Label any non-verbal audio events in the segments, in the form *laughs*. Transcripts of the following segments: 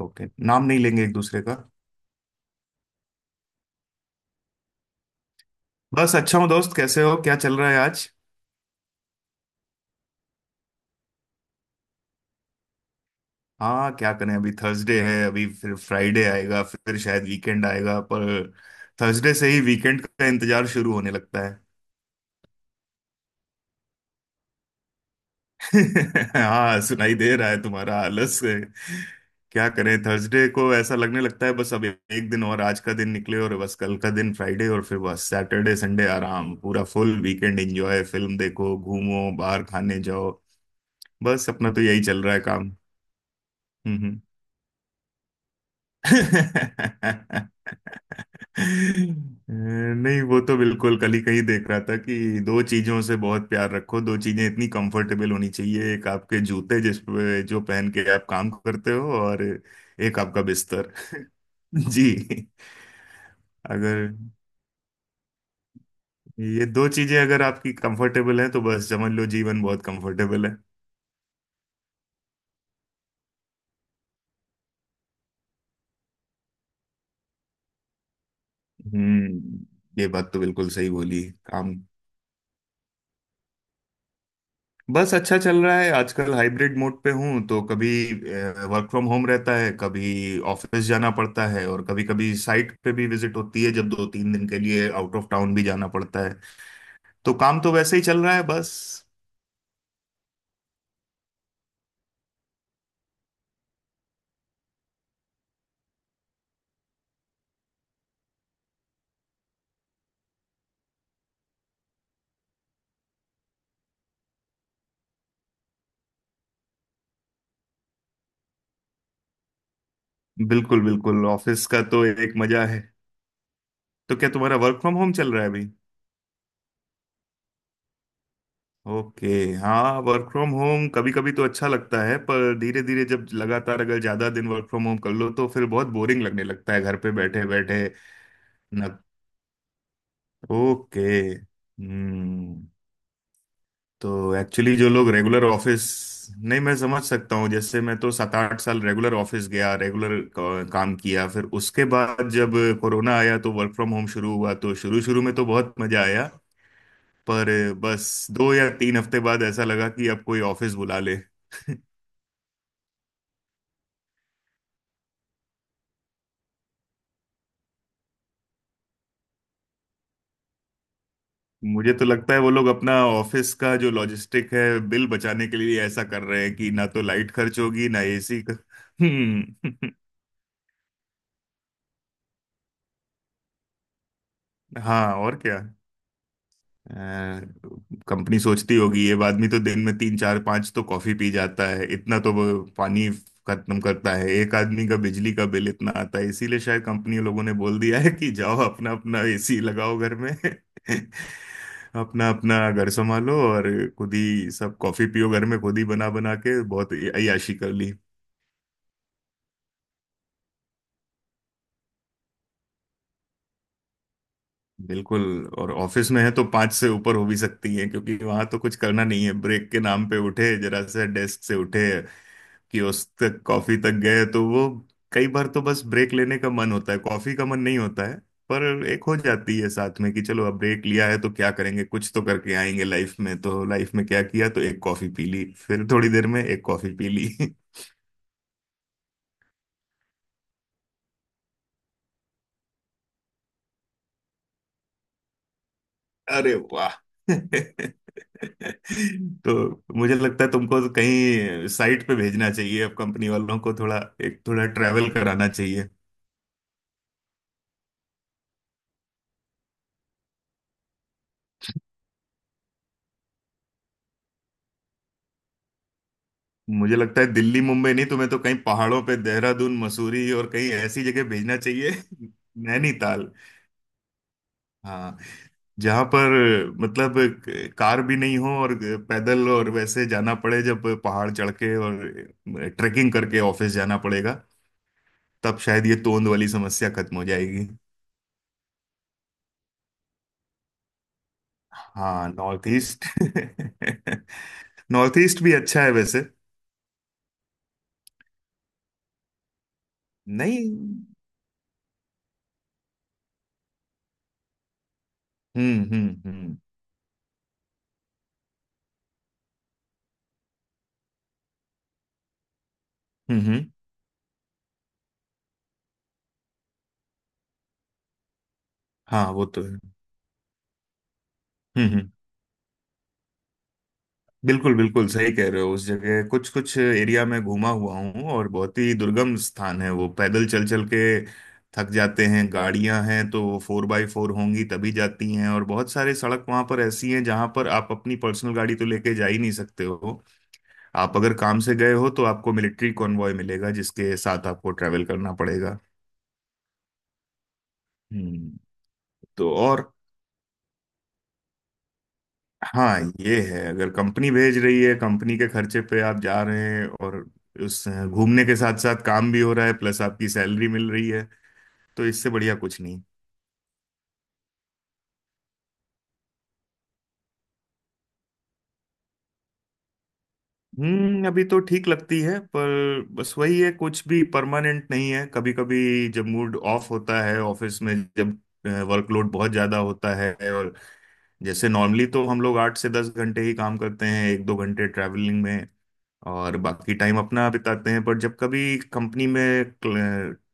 Okay, नाम नहीं लेंगे एक दूसरे का। बस अच्छा हूँ। दोस्त, कैसे हो? क्या चल रहा है आज? हाँ, क्या करें, अभी थर्सडे है, अभी फिर फ्राइडे आएगा, फिर शायद वीकेंड आएगा, पर थर्सडे से ही वीकेंड का इंतजार शुरू होने लगता है। *laughs* हाँ, सुनाई दे रहा है तुम्हारा आलस। क्या करें, थर्सडे को ऐसा लगने लगता है, बस अब एक दिन और, आज का दिन निकले और बस कल का दिन फ्राइडे, और फिर बस सैटरडे, संडे आराम, पूरा फुल वीकेंड एंजॉय, फिल्म देखो, घूमो, बाहर खाने जाओ। बस अपना तो यही चल रहा है काम। हम्म, हम्म। *laughs* नहीं, वो तो बिल्कुल कल ही कहीं देख रहा था कि दो चीजों से बहुत प्यार रखो, दो चीजें इतनी कंफर्टेबल होनी चाहिए, एक आपके जूते जिस पे जो पहन के आप काम करते हो, और एक आपका बिस्तर। *laughs* जी। अगर ये दो चीजें अगर आपकी कंफर्टेबल हैं तो बस समझ लो, जीवन बहुत कंफर्टेबल है। हम्म। ये बात तो बिल्कुल सही बोली। काम। बस अच्छा चल रहा है, आजकल हाइब्रिड मोड पे हूँ, तो कभी वर्क फ्रॉम होम रहता है, कभी ऑफिस जाना पड़ता है, और कभी कभी साइट पे भी विजिट होती है, जब 2-3 दिन के लिए आउट ऑफ टाउन भी जाना पड़ता है। तो काम तो वैसे ही चल रहा है बस। बिल्कुल, बिल्कुल, ऑफिस का तो एक मजा है। तो क्या तुम्हारा वर्क फ्रॉम होम चल रहा है अभी? ओके। हाँ, वर्क फ्रॉम होम कभी कभी तो अच्छा लगता है, पर धीरे धीरे जब लगातार अगर ज्यादा दिन वर्क फ्रॉम होम कर लो तो फिर बहुत बोरिंग लगने लगता है घर पे बैठे बैठे। ना। ओके। हम्म। तो एक्चुअली जो लोग रेगुलर ऑफिस। नहीं, मैं समझ सकता हूँ। जैसे मैं तो 7-8 साल रेगुलर ऑफिस गया, रेगुलर काम किया, फिर उसके बाद जब कोरोना आया तो वर्क फ्रॉम होम शुरू हुआ, तो शुरू शुरू में तो बहुत मजा आया। पर बस 2 या 3 हफ्ते बाद ऐसा लगा कि अब कोई ऑफिस बुला ले। मुझे तो लगता है वो लोग अपना ऑफिस का जो लॉजिस्टिक है, बिल बचाने के लिए ऐसा कर रहे हैं कि ना तो लाइट खर्च होगी, ना एसी का। हम्म। *laughs* हाँ, और क्या। कंपनी सोचती होगी ये आदमी तो दिन में तीन चार पांच तो कॉफी पी जाता है, इतना तो वो पानी खत्म करता है, एक आदमी का बिजली का बिल इतना आता है, इसीलिए शायद कंपनी लोगों ने बोल दिया है कि जाओ अपना अपना एसी लगाओ घर में। *laughs* अपना अपना घर संभालो, और खुद ही सब कॉफी पियो घर में, खुद ही बना बना के बहुत अय्याशी कर ली। बिल्कुल। और ऑफिस में है तो पांच से ऊपर हो भी सकती है, क्योंकि वहां तो कुछ करना नहीं है, ब्रेक के नाम पे उठे, जरा सा डेस्क से उठे, कियोस्क तक कॉफी तक गए तो वो। कई बार तो बस ब्रेक लेने का मन होता है, कॉफी का मन नहीं होता है। पर एक हो जाती है साथ में कि चलो अब ब्रेक लिया है तो क्या करेंगे, कुछ तो करके आएंगे लाइफ में, तो लाइफ में क्या किया, तो एक कॉफी पी ली, फिर थोड़ी देर में एक कॉफी पी ली। अरे वाह। *laughs* तो मुझे लगता है तुमको तो कहीं साइट पे भेजना चाहिए अब, कंपनी वालों को थोड़ा, एक थोड़ा ट्रैवल कराना चाहिए। मुझे लगता है दिल्ली मुंबई नहीं, तुम्हें तो कहीं पहाड़ों पे देहरादून, मसूरी और कहीं ऐसी जगह भेजना चाहिए। *laughs* नैनीताल। हाँ, जहां पर मतलब कार भी नहीं हो और पैदल और वैसे जाना पड़े, जब पहाड़ चढ़ के और ट्रेकिंग करके ऑफिस जाना पड़ेगा, तब शायद ये तोंद वाली समस्या खत्म हो जाएगी। हाँ, नॉर्थ ईस्ट, नॉर्थ ईस्ट *laughs* भी अच्छा है वैसे। नहीं। हम्म, हम्म, हम्म। हम्म, हम्म। हाँ, वो तो है। हम्म, हम्म। बिल्कुल, बिल्कुल सही कह रहे हो। उस जगह कुछ कुछ एरिया में घूमा हुआ हूँ और बहुत ही दुर्गम स्थान है वो, पैदल चल चल के थक जाते हैं। गाड़ियां हैं तो वो फोर बाई फोर होंगी तभी जाती हैं, और बहुत सारे सड़क वहां पर ऐसी हैं जहां पर आप अपनी पर्सनल गाड़ी तो लेके जा ही नहीं सकते हो। आप अगर काम से गए हो तो आपको मिलिट्री कॉन्वॉय मिलेगा जिसके साथ आपको ट्रैवल करना पड़ेगा। हम्म। तो और। हाँ, ये है, अगर कंपनी भेज रही है, कंपनी के खर्चे पे आप जा रहे हैं और उस घूमने के साथ साथ काम भी हो रहा है, प्लस आपकी सैलरी मिल रही है, तो इससे बढ़िया कुछ नहीं। अभी तो ठीक लगती है, पर बस वही है, कुछ भी परमानेंट नहीं है। कभी कभी जब मूड ऑफ होता है ऑफिस में, जब वर्कलोड बहुत ज्यादा होता है, और जैसे नॉर्मली तो हम लोग 8 से 10 घंटे ही काम करते हैं, 1-2 घंटे ट्रैवलिंग में और बाकी टाइम अपना बिताते हैं, पर जब कभी कंपनी में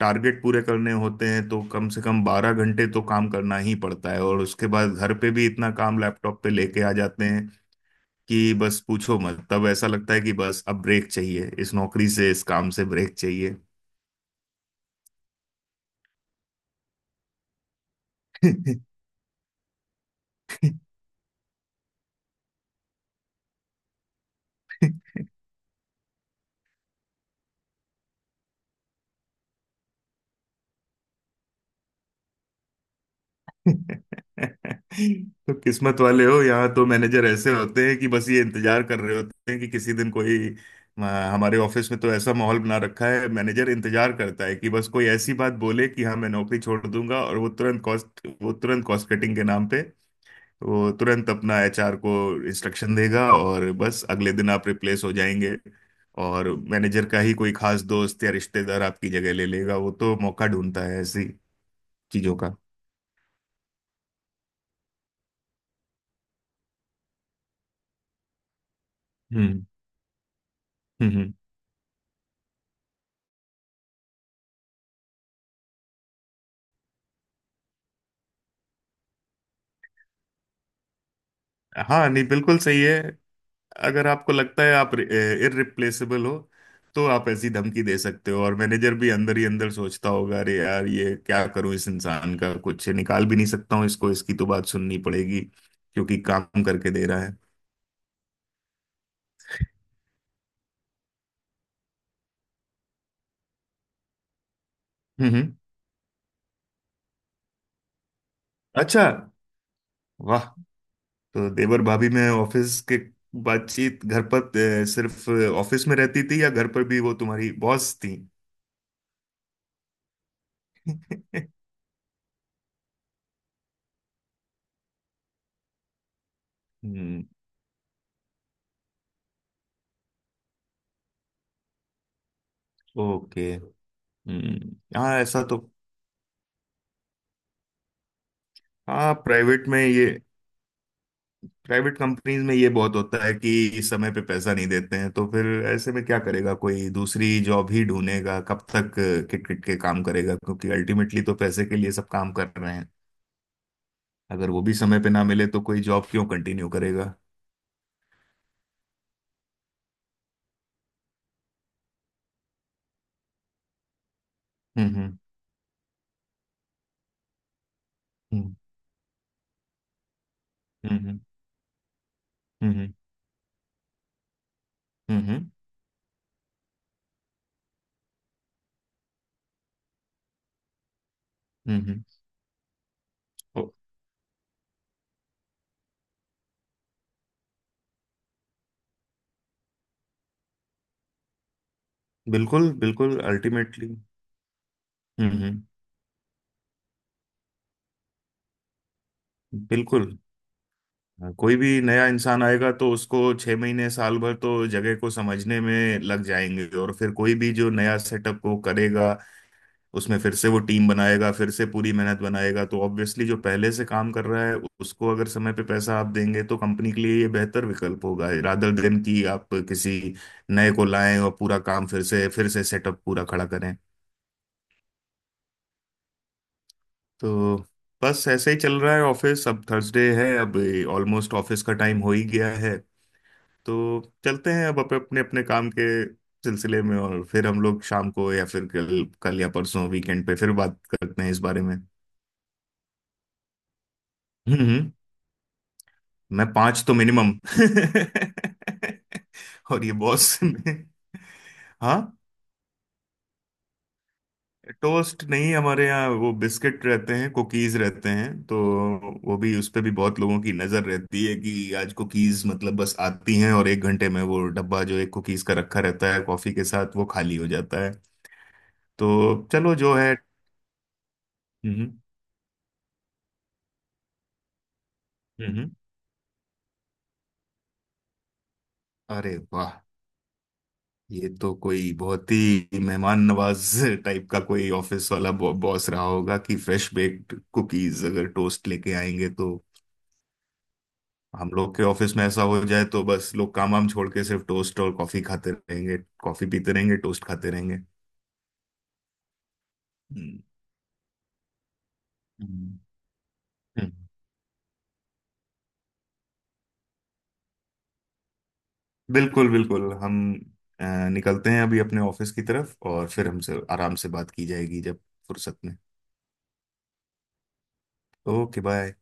टारगेट पूरे करने होते हैं तो कम से कम 12 घंटे तो काम करना ही पड़ता है, और उसके बाद घर पे भी इतना काम लैपटॉप पे लेके आ जाते हैं कि बस पूछो मत। तब ऐसा लगता है कि बस अब ब्रेक चाहिए, इस नौकरी से, इस काम से ब्रेक चाहिए। *laughs* *laughs* तो किस्मत वाले हो, यहाँ तो मैनेजर ऐसे होते हैं कि बस ये इंतजार कर रहे होते हैं कि किसी दिन कोई आ। हमारे ऑफिस में तो ऐसा माहौल बना रखा है, मैनेजर इंतजार करता है कि बस कोई ऐसी बात बोले कि हाँ, मैं नौकरी छोड़ दूंगा, और वो तुरंत कॉस्ट कटिंग के नाम पे वो तुरंत अपना एचआर को इंस्ट्रक्शन देगा, और बस अगले दिन आप रिप्लेस हो जाएंगे। और मैनेजर का ही कोई खास दोस्त या रिश्तेदार आपकी जगह ले लेगा। वो तो मौका ढूंढता है ऐसी चीजों का। हम्म, हम्म। हाँ, नहीं, बिल्कुल सही है। अगर आपको लगता है आप इररिप्लेसेबल हो, तो आप ऐसी धमकी दे सकते हो, और मैनेजर भी अंदर ही अंदर सोचता होगा, अरे यार, ये क्या करूं, इस इंसान का कुछ निकाल भी नहीं सकता हूं, इसको, इसकी तो बात सुननी पड़ेगी, क्योंकि काम करके दे रहा है। हम्म, अच्छा। वाह। तो देवर भाभी में ऑफिस के बातचीत घर पर, सिर्फ ऑफिस में रहती थी या घर पर भी वो तुम्हारी बॉस थी? *laughs* हम्म। ओके। हम्म, हाँ, ऐसा तो। हाँ, प्राइवेट कंपनीज में ये बहुत होता है कि समय पे पैसा नहीं देते हैं, तो फिर ऐसे में क्या करेगा, कोई दूसरी जॉब ही ढूंढेगा, कब तक किट किट के काम करेगा, क्योंकि अल्टीमेटली तो पैसे के लिए सब काम कर रहे हैं। अगर वो भी समय पे ना मिले तो कोई जॉब क्यों कंटिन्यू करेगा? हम्म, हम्म, हम्म, हम्म, हम्म, हम्म, हम्म, हम्म, हम्म। ओ, बिल्कुल, बिल्कुल, अल्टीमेटली। हम्म, हम्म। बिल्कुल। हाँ, कोई भी नया इंसान आएगा तो उसको 6 महीने साल भर तो जगह को समझने में लग जाएंगे, और फिर कोई भी जो नया सेटअप को करेगा, उसमें फिर से वो टीम बनाएगा, फिर से पूरी मेहनत बनाएगा, तो ऑब्वियसली जो पहले से काम कर रहा है, उसको अगर समय पे पैसा आप देंगे तो कंपनी के लिए ये बेहतर विकल्प होगा, रादर देन कि आप किसी नए को लाएं और पूरा काम फिर से सेटअप पूरा खड़ा करें। तो बस ऐसे ही चल रहा है ऑफिस। अब थर्सडे है, अब ऑलमोस्ट ऑफिस का टाइम हो ही गया है। तो चलते हैं अब अपने अपने काम के सिलसिले में, और फिर हम लोग शाम को या फिर कल कल या परसों वीकेंड पे फिर बात करते हैं इस बारे में। हम्म, मैं पांच तो मिनिमम। *laughs* और ये बॉस में। हाँ। टोस्ट नहीं, हमारे यहाँ वो बिस्किट रहते हैं, कुकीज रहते हैं, तो वो भी, उस पे भी बहुत लोगों की नजर रहती है कि आज कुकीज मतलब बस आती हैं और एक घंटे में वो डब्बा जो एक कुकीज का रखा रहता है कॉफी के साथ वो खाली हो जाता है। तो चलो, जो है। हम्म, हम्म। अरे वाह। ये तो कोई बहुत ही मेहमान नवाज टाइप का कोई ऑफिस वाला बॉस रहा होगा कि फ्रेश बेक्ड कुकीज अगर टोस्ट लेके आएंगे तो। हम लोग के ऑफिस में ऐसा हो जाए तो बस लोग काम वाम छोड़ के सिर्फ टोस्ट और कॉफी खाते रहेंगे, कॉफी पीते रहेंगे, टोस्ट खाते रहेंगे। हम्म, हम्म, हम्म। बिल्कुल, बिल्कुल हम अ, निकलते हैं अभी अपने ऑफिस की तरफ और फिर हमसे आराम से बात की जाएगी जब फुर्सत में। Okay, bye.